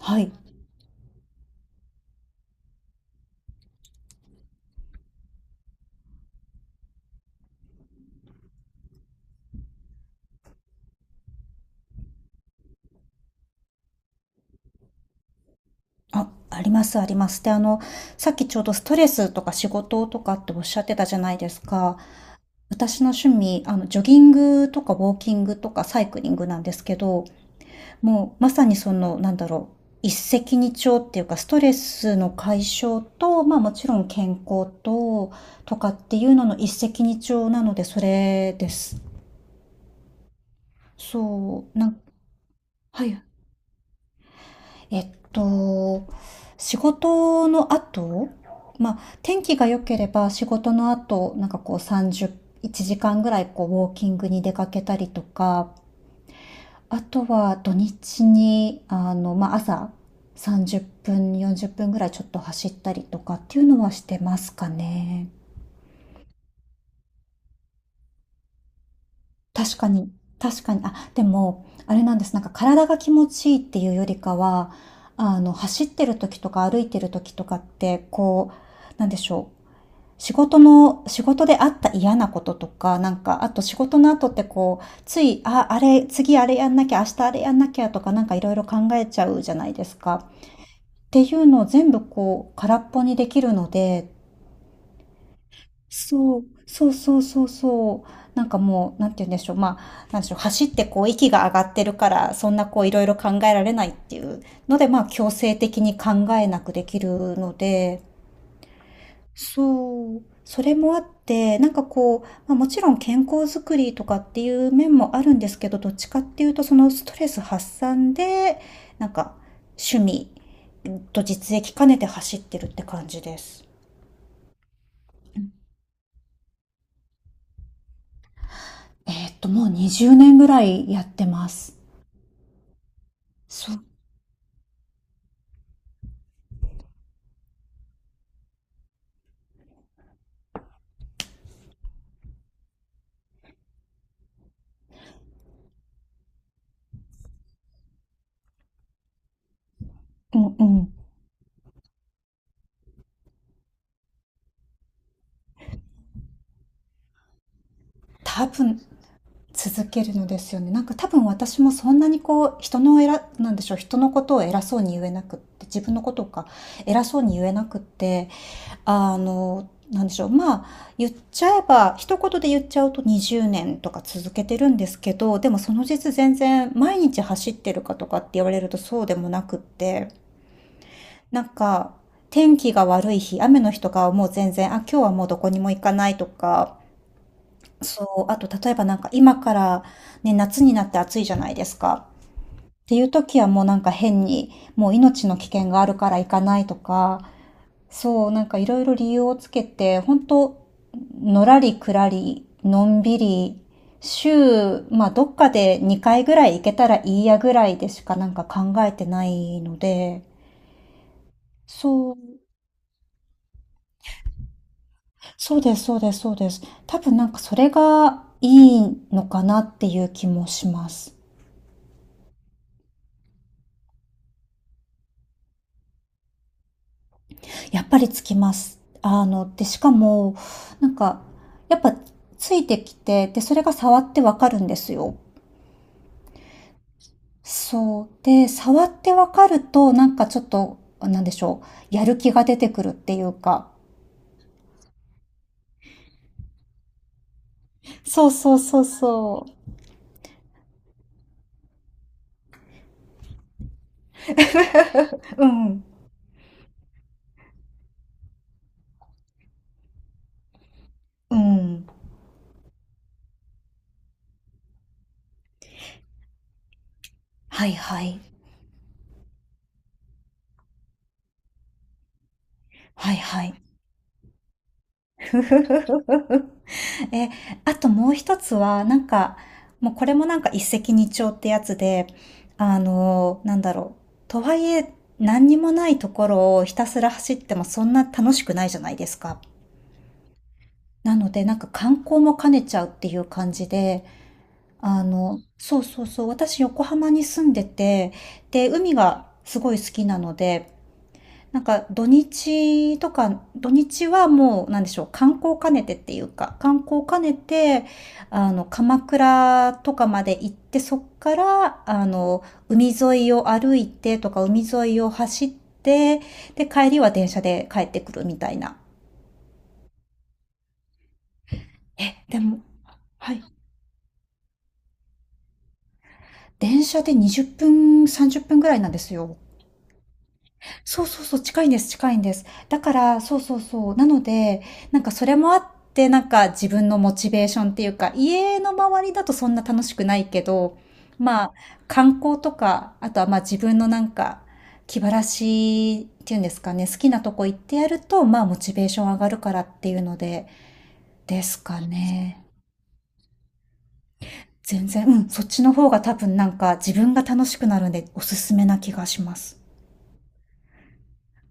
はい。あ、ありますあります。で、さっきちょうどストレスとか仕事とかっておっしゃってたじゃないですか。私の趣味、ジョギングとかウォーキングとかサイクリングなんですけど、もうまさにその、一石二鳥っていうか、ストレスの解消と、まあもちろん健康と、とかっていうのの一石二鳥なので、それです。そう、なんはい。えっと、仕事の後、まあ、天気が良ければ仕事の後、なんかこう30、1時間ぐらいこうウォーキングに出かけたりとか、あとは土日に、まあ、朝30分、40分ぐらいちょっと走ったりとかっていうのはしてますかね。確かに、確かに、あ、でも、あれなんです。なんか体が気持ちいいっていうよりかは、走ってる時とか歩いてる時とかって、こう、なんでしょう。仕事であった嫌なこととか、なんか、あと仕事の後ってこう、つい、あ、あれ、次あれやんなきゃ、明日あれやんなきゃとか、なんかいろいろ考えちゃうじゃないですか。っていうのを全部こう、空っぽにできるので、そう、そうそうそうそう。なんかもう、なんて言うんでしょう。まあ、なんでしょう。走ってこう、息が上がってるから、そんなこう、いろいろ考えられないっていうので、まあ、強制的に考えなくできるので、そう、それもあって、なんかこう、まあ、もちろん健康づくりとかっていう面もあるんですけど、どっちかっていうと、そのストレス発散で、なんか趣味と実益兼ねて走ってるって感じです。もう20年ぐらいやってます。そう、うんうん。多分、続けるのですよね。なんか多分私もそんなにこう人の偉なんでしょう人のことを偉そうに言えなくって自分のことか偉そうに言えなくってなんでしょうまあ言っちゃえば一言で言っちゃうと20年とか続けてるんですけどでもその実全然毎日走ってるかとかって言われるとそうでもなくってなんか天気が悪い日雨の日とかはもう全然あ今日はもうどこにも行かないとかそう、あと例えばなんか今からね、夏になって暑いじゃないですか。っていう時はもうなんか変に、もう命の危険があるから行かないとか、そう、なんかいろいろ理由をつけて、本当のらりくらり、のんびり、週、まあどっかで2回ぐらい行けたらいいやぐらいでしかなんか考えてないので、そう、そうです、そうです、そうです。多分なんかそれがいいのかなっていう気もします。やっぱりつきます。で、しかも、なんか、やっぱついてきて、で、それが触ってわかるんですよ。そう。で、触ってわかると、なんかちょっと、なんでしょう、やる気が出てくるっていうか。そうそうそうそう。うん。うん。はいはい。はいはい。え、あともう一つは、なんか、もうこれもなんか一石二鳥ってやつで、なんだろう。とはいえ、何にもないところをひたすら走ってもそんな楽しくないじゃないですか。なので、なんか観光も兼ねちゃうっていう感じで、そうそうそう、私横浜に住んでて、で、海がすごい好きなので、なんか土日とか、土日はもう、なんでしょう、観光兼ねてっていうか、観光兼ねて、鎌倉とかまで行って、そっから、海沿いを歩いてとか、海沿いを走って、で、帰りは電車で帰ってくるみたいな。え、でも、はい。電車で20分、30分ぐらいなんですよ。そうそうそう、近いんです、近いんです。だから、そうそうそう。なので、なんかそれもあって、なんか自分のモチベーションっていうか、家の周りだとそんな楽しくないけど、まあ、観光とか、あとはまあ自分のなんか、気晴らしっていうんですかね、好きなとこ行ってやると、まあモチベーション上がるからっていうので、ですかね。全然、うん、そっちの方が多分なんか自分が楽しくなるんでおすすめな気がします。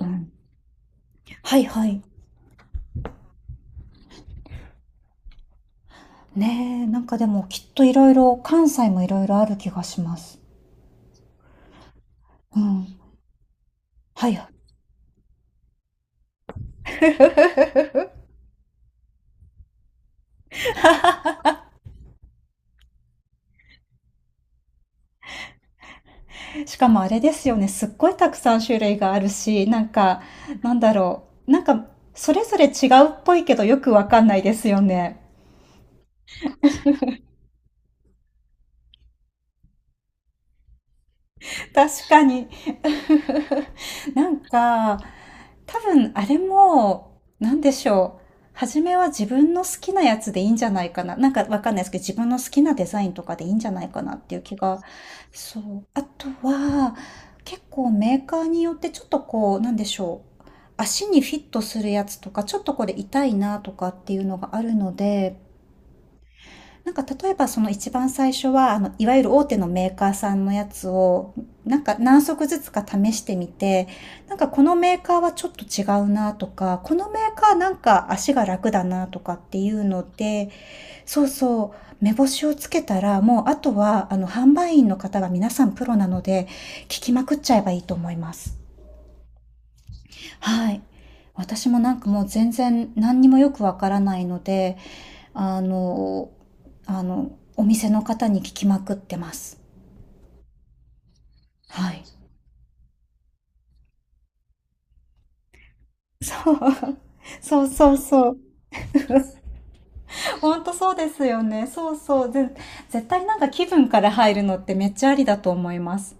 うん。はいはい。ねえ、なんかでもきっといろいろ、関西もいろいろある気がします。うん。はいはい。しかもあれですよね、すっごいたくさん種類があるし、なんか、なんか、それぞれ違うっぽいけどよくわかんないですよね。確かに。なんか、多分あれも、なんでしょう。初めは自分の好きなやつでいいんじゃないかな。なんかわかんないですけど、自分の好きなデザインとかでいいんじゃないかなっていう気が。そう。あとは、結構メーカーによってちょっとこう、なんでしょう。足にフィットするやつとか、ちょっとこれ痛いなとかっていうのがあるので、なんか例えばその一番最初は、いわゆる大手のメーカーさんのやつを、なんか何足ずつか試してみて、なんかこのメーカーはちょっと違うなとか、このメーカーなんか足が楽だなとかっていうので、そうそう、目星をつけたら、もうあとは、販売員の方が皆さんプロなので、聞きまくっちゃえばいいと思います。はい。私もなんかもう全然何にもよくわからないので、あのお店の方に聞きまくってます。はい。そう。そうそうそう。ほんとそうですよね。そうそう。絶対なんか気分から入るのってめっちゃありだと思います。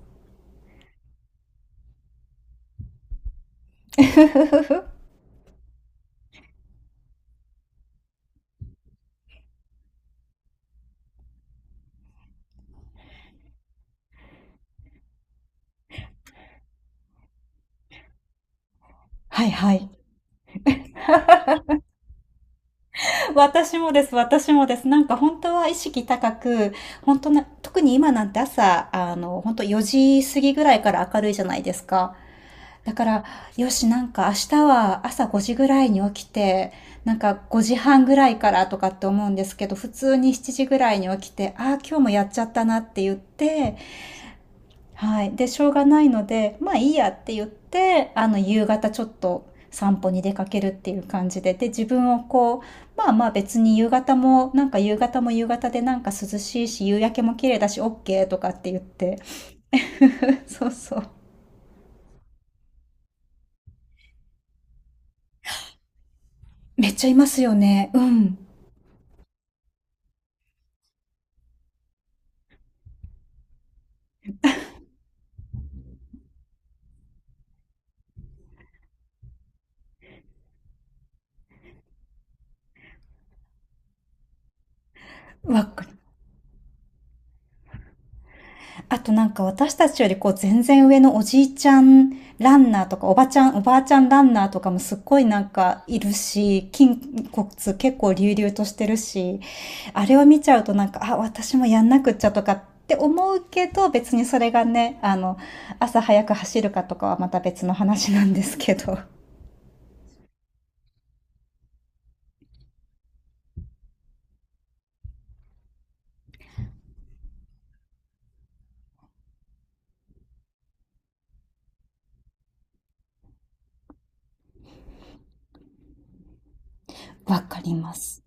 はいはい。私もです、私もです。なんか本当は意識高く、本当な、特に今なんて朝、本当4時過ぎぐらいから明るいじゃないですか。だから、よし、なんか明日は朝5時ぐらいに起きて、なんか5時半ぐらいからとかって思うんですけど、普通に7時ぐらいに起きて、ああ、今日もやっちゃったなって言って、はい。で、しょうがないので、まあいいやって言って、夕方ちょっと散歩に出かけるっていう感じで、で、自分をこう、まあまあ別に夕方も、なんか夕方も夕方でなんか涼しいし、夕焼けも綺麗だし、OK とかって言って。そうそう。めっちゃいますよね。うん。わかる。あとなんか私たちよりこう全然上のおじいちゃんランナーとかおばちゃん、おばあちゃんランナーとかもすっごいなんかいるし、筋骨結構隆々としてるし、あれを見ちゃうとなんか、あ、私もやんなくっちゃとかって思うけど、別にそれがね、朝早く走るかとかはまた別の話なんですけど。わかります。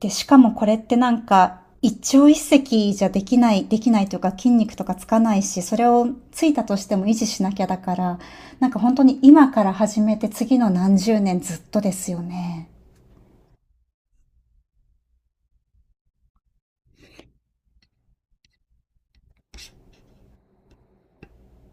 で、しかもこれってなんか、一朝一夕じゃできない、できないというか筋肉とかつかないし、それをついたとしても維持しなきゃだから、なんか本当に今から始めて次の何十年ずっとですよね。